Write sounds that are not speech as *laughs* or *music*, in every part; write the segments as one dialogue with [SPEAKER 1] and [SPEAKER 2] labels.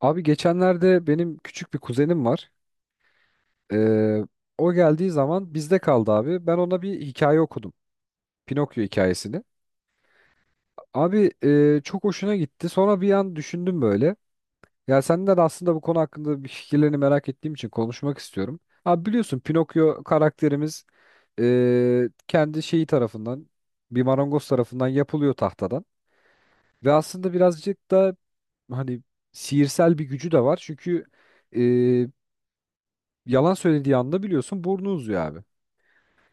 [SPEAKER 1] Abi geçenlerde benim küçük bir kuzenim var. Ee, O geldiği zaman bizde kaldı abi. Ben ona bir hikaye okudum. Pinokyo hikayesini. Abi çok hoşuna gitti. Sonra bir an düşündüm böyle. Ya senden aslında bu konu hakkında bir fikirlerini merak ettiğim için konuşmak istiyorum. Abi biliyorsun Pinokyo karakterimiz kendi şeyi tarafından bir marangoz tarafından yapılıyor tahtadan. Ve aslında birazcık da hani sihirsel bir gücü de var. Çünkü e, yalan söylediği anda biliyorsun burnu uzuyor abi.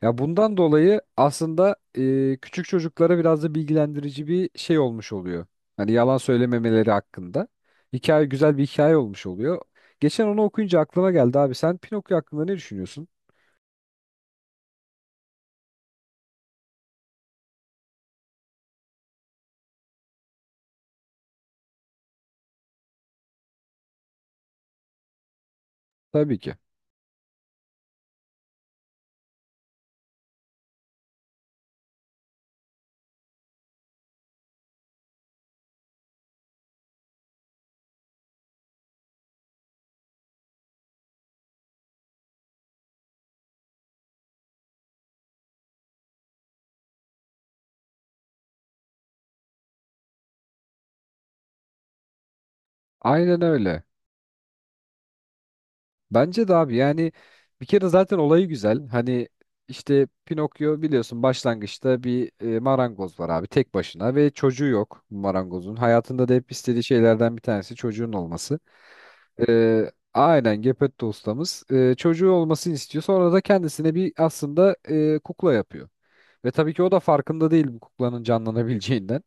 [SPEAKER 1] Ya bundan dolayı aslında küçük çocuklara biraz da bilgilendirici bir şey olmuş oluyor. Hani yalan söylememeleri hakkında. Hikaye güzel bir hikaye olmuş oluyor. Geçen onu okuyunca aklıma geldi abi. Sen Pinokyo hakkında ne düşünüyorsun? Tabii ki. Aynen öyle. Bence de abi yani bir kere zaten olayı güzel. Hani işte Pinokyo biliyorsun başlangıçta bir marangoz var abi tek başına ve çocuğu yok bu marangozun. Hayatında da hep istediği şeylerden bir tanesi çocuğun olması. Aynen Geppetto ustamız çocuğu olmasını istiyor. Sonra da kendisine bir aslında kukla yapıyor. Ve tabii ki o da farkında değil bu kuklanın canlanabileceğinden.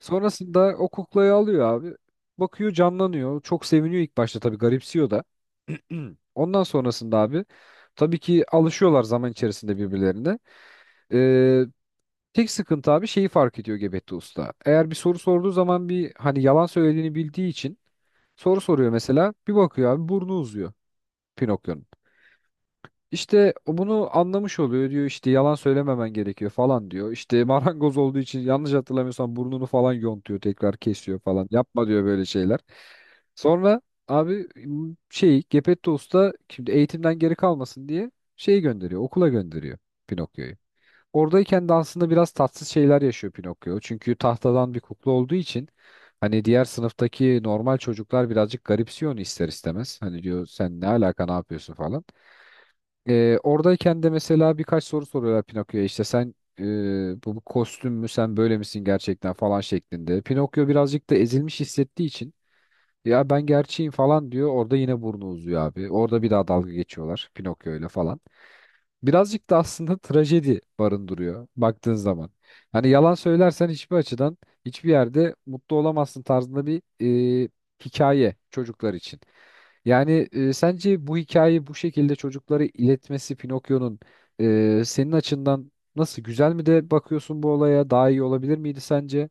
[SPEAKER 1] Sonrasında o kuklayı alıyor abi. Bakıyor canlanıyor. Çok seviniyor ilk başta tabii garipsiyor da. *clears throat* Hmm. Ondan sonrasında abi tabii ki alışıyorlar zaman içerisinde birbirlerine. Ee, Tek sıkıntı abi şeyi fark ediyor Gebetli Usta. Eğer bir soru sorduğu zaman bir hani yalan söylediğini bildiği için soru soruyor mesela. Bir bakıyor abi burnu uzuyor Pinokyo'nun. İşte o bunu anlamış oluyor diyor işte yalan söylememen gerekiyor falan diyor. İşte *laughs* marangoz olduğu için yanlış hatırlamıyorsam burnunu falan yontuyor tekrar kesiyor falan. Yapma diyor böyle şeyler. Sonra abi m, şey Gepetto Usta şimdi eğitimden geri kalmasın diye şeyi gönderiyor okula gönderiyor Pinokyo'yu. Oradayken de aslında biraz tatsız şeyler yaşıyor Pinokyo. Çünkü tahtadan bir kukla olduğu için hani diğer sınıftaki normal çocuklar birazcık garipsiyor onu ister istemez. Hani diyor sen ne alaka ne yapıyorsun falan. Oradayken de mesela birkaç soru soruyorlar Pinokyo'ya işte sen bu kostüm mü sen böyle misin gerçekten falan şeklinde. Pinokyo birazcık da ezilmiş hissettiği için ya ben gerçeğim falan diyor orada yine burnu uzuyor abi. Orada bir daha dalga geçiyorlar Pinokyo ile falan birazcık da aslında trajedi barındırıyor baktığın zaman. Hani yalan söylersen hiçbir açıdan hiçbir yerde mutlu olamazsın tarzında bir e, hikaye çocuklar için. Yani sence bu hikayeyi bu şekilde çocuklara iletmesi Pinokyo'nun senin açından nasıl güzel mi de bakıyorsun bu olaya daha iyi olabilir miydi sence?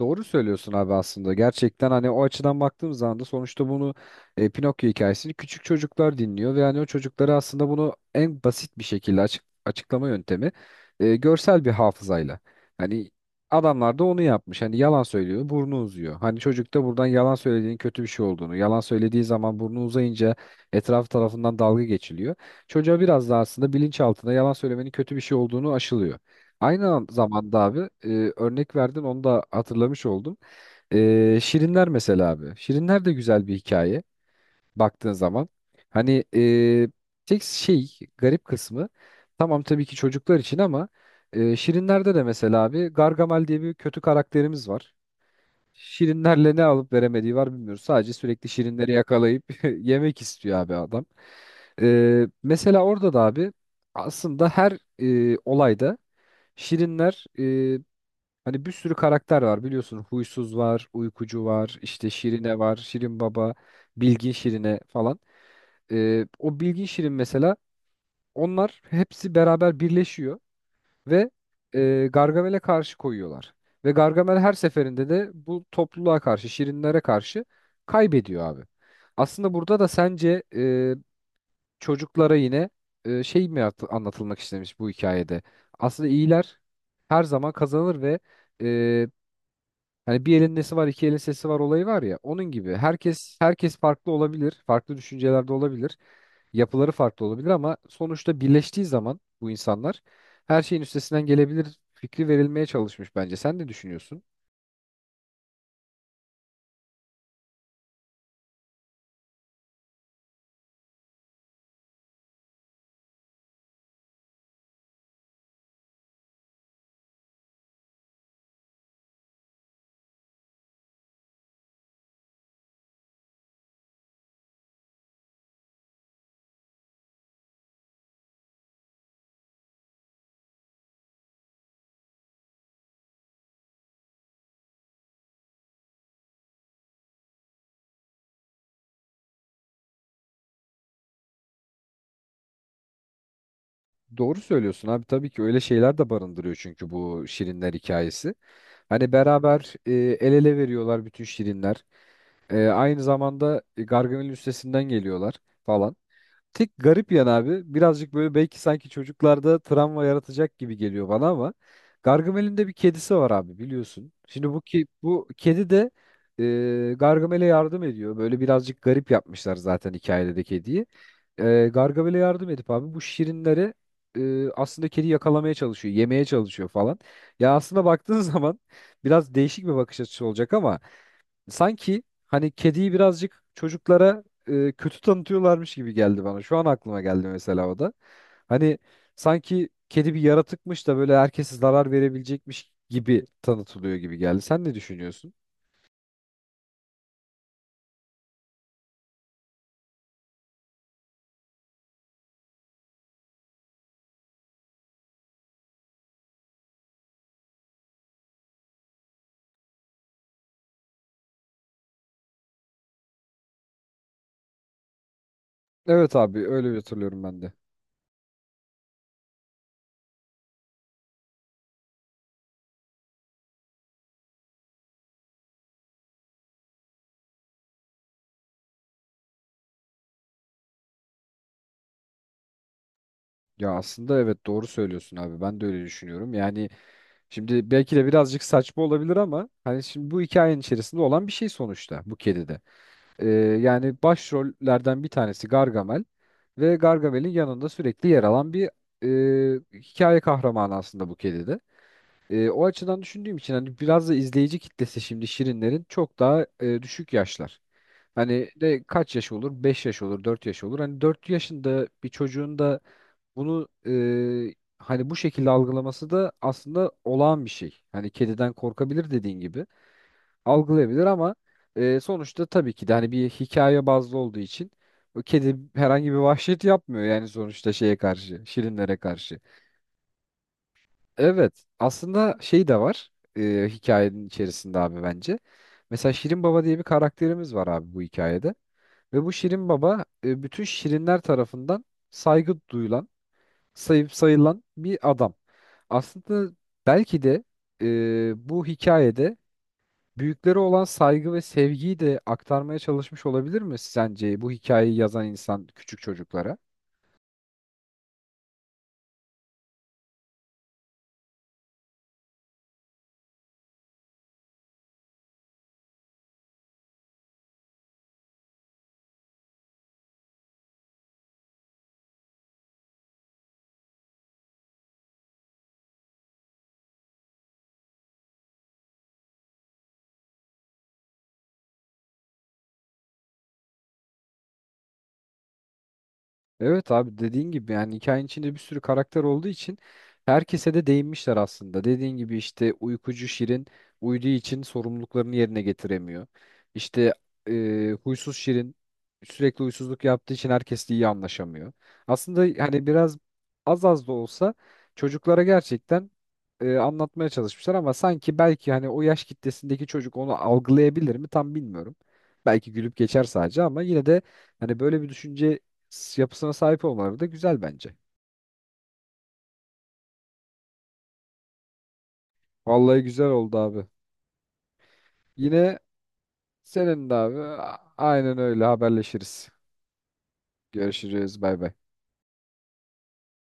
[SPEAKER 1] Doğru söylüyorsun abi aslında. Gerçekten hani o açıdan baktığım zaman da sonuçta bunu Pinokyo hikayesini küçük çocuklar dinliyor ve hani o çocuklara aslında bunu en basit bir şekilde açıklama yöntemi görsel bir hafızayla. Hani adamlar da onu yapmış. Hani yalan söylüyor, burnu uzuyor. Hani çocuk da buradan yalan söylediğin kötü bir şey olduğunu, yalan söylediği zaman burnu uzayınca etraf tarafından dalga geçiliyor. Çocuğa biraz da aslında bilinçaltında yalan söylemenin kötü bir şey olduğunu aşılıyor. Aynı zamanda abi örnek verdin onu da hatırlamış oldum. Şirinler mesela abi. Şirinler de güzel bir hikaye baktığın zaman. Hani tek şey garip kısmı tamam tabii ki çocuklar için ama Şirinler'de de mesela abi Gargamel diye bir kötü karakterimiz var. Şirinlerle ne alıp veremediği var bilmiyoruz. Sadece sürekli Şirinleri yakalayıp *laughs* yemek istiyor abi adam. Mesela orada da abi aslında her olayda Şirinler hani bir sürü karakter var biliyorsun. Huysuz var, uykucu var, işte Şirine var, Şirin Baba, Bilgin Şirine falan. O Bilgin Şirin mesela onlar hepsi beraber birleşiyor ve Gargamel'e karşı koyuyorlar. Ve Gargamel her seferinde de bu topluluğa karşı, Şirinlere karşı kaybediyor abi. Aslında burada da sence çocuklara yine anlatılmak istemiş bu hikayede? Aslında iyiler her zaman kazanır ve e, hani bir elin nesi var, iki elin sesi var olayı var ya. Onun gibi herkes farklı olabilir, farklı düşüncelerde olabilir, yapıları farklı olabilir ama sonuçta birleştiği zaman bu insanlar her şeyin üstesinden gelebilir fikri verilmeye çalışmış bence. Sen ne düşünüyorsun? Doğru söylüyorsun abi tabii ki öyle şeyler de barındırıyor çünkü bu şirinler hikayesi. Hani beraber el ele veriyorlar bütün şirinler. Aynı zamanda Gargamel'in üstesinden geliyorlar falan. Tek garip yan abi birazcık böyle belki sanki çocuklarda travma yaratacak gibi geliyor bana ama Gargamel'in de bir kedisi var abi biliyorsun. Şimdi bu kedi de Gargamel'e yardım ediyor. Böyle birazcık garip yapmışlar zaten hikayede de kediyi. Gargamel'e yardım edip abi bu şirinleri aslında kedi yakalamaya çalışıyor, yemeye çalışıyor falan. Ya aslında baktığın *laughs* zaman biraz değişik bir bakış açısı olacak ama sanki hani kediyi birazcık çocuklara kötü tanıtıyorlarmış gibi geldi bana. Şu an aklıma geldi mesela o da. Hani sanki kedi bir yaratıkmış da böyle herkese zarar verebilecekmiş gibi tanıtılıyor gibi geldi. Sen ne düşünüyorsun? Evet abi öyle bir hatırlıyorum ben de. Ya aslında evet doğru söylüyorsun abi. Ben de öyle düşünüyorum. Yani şimdi belki de birazcık saçma olabilir ama hani şimdi bu hikayenin içerisinde olan bir şey sonuçta bu kedide. Ee, Yani başrollerden bir tanesi Gargamel ve Gargamel'in yanında sürekli yer alan bir hikaye kahramanı aslında bu kedi de. O açıdan düşündüğüm için hani biraz da izleyici kitlesi şimdi Şirinlerin çok daha düşük yaşlar. Hani de kaç yaş olur? 5 yaş olur, 4 yaş olur. Hani 4 yaşında bir çocuğun da bunu hani bu şekilde algılaması da aslında olağan bir şey. Hani kediden korkabilir dediğin gibi algılayabilir ama sonuçta tabii ki de hani bir hikaye bazlı olduğu için o kedi herhangi bir vahşet yapmıyor yani sonuçta şeye karşı, şirinlere karşı. Evet, aslında şey de var hikayenin içerisinde abi bence. Mesela Şirin Baba diye bir karakterimiz var abi bu hikayede ve bu Şirin Baba bütün şirinler tarafından saygı duyulan, sayıp sayılan bir adam. Aslında belki de bu hikayede büyüklere olan saygı ve sevgiyi de aktarmaya çalışmış olabilir mi sence bu hikayeyi yazan insan küçük çocuklara? Evet abi dediğin gibi yani hikayenin içinde bir sürü karakter olduğu için herkese de değinmişler aslında. Dediğin gibi işte uykucu Şirin uyuduğu için sorumluluklarını yerine getiremiyor. İşte huysuz Şirin sürekli huysuzluk yaptığı için herkesle iyi anlaşamıyor. Aslında hani biraz az az da olsa çocuklara gerçekten anlatmaya çalışmışlar ama sanki belki hani o yaş kitlesindeki çocuk onu algılayabilir mi tam bilmiyorum. Belki gülüp geçer sadece ama yine de hani böyle bir düşünce yapısına sahip olmaları da güzel bence. Vallahi güzel oldu abi. Yine senin de abi. Aynen öyle haberleşiriz. Görüşürüz. Bay bay.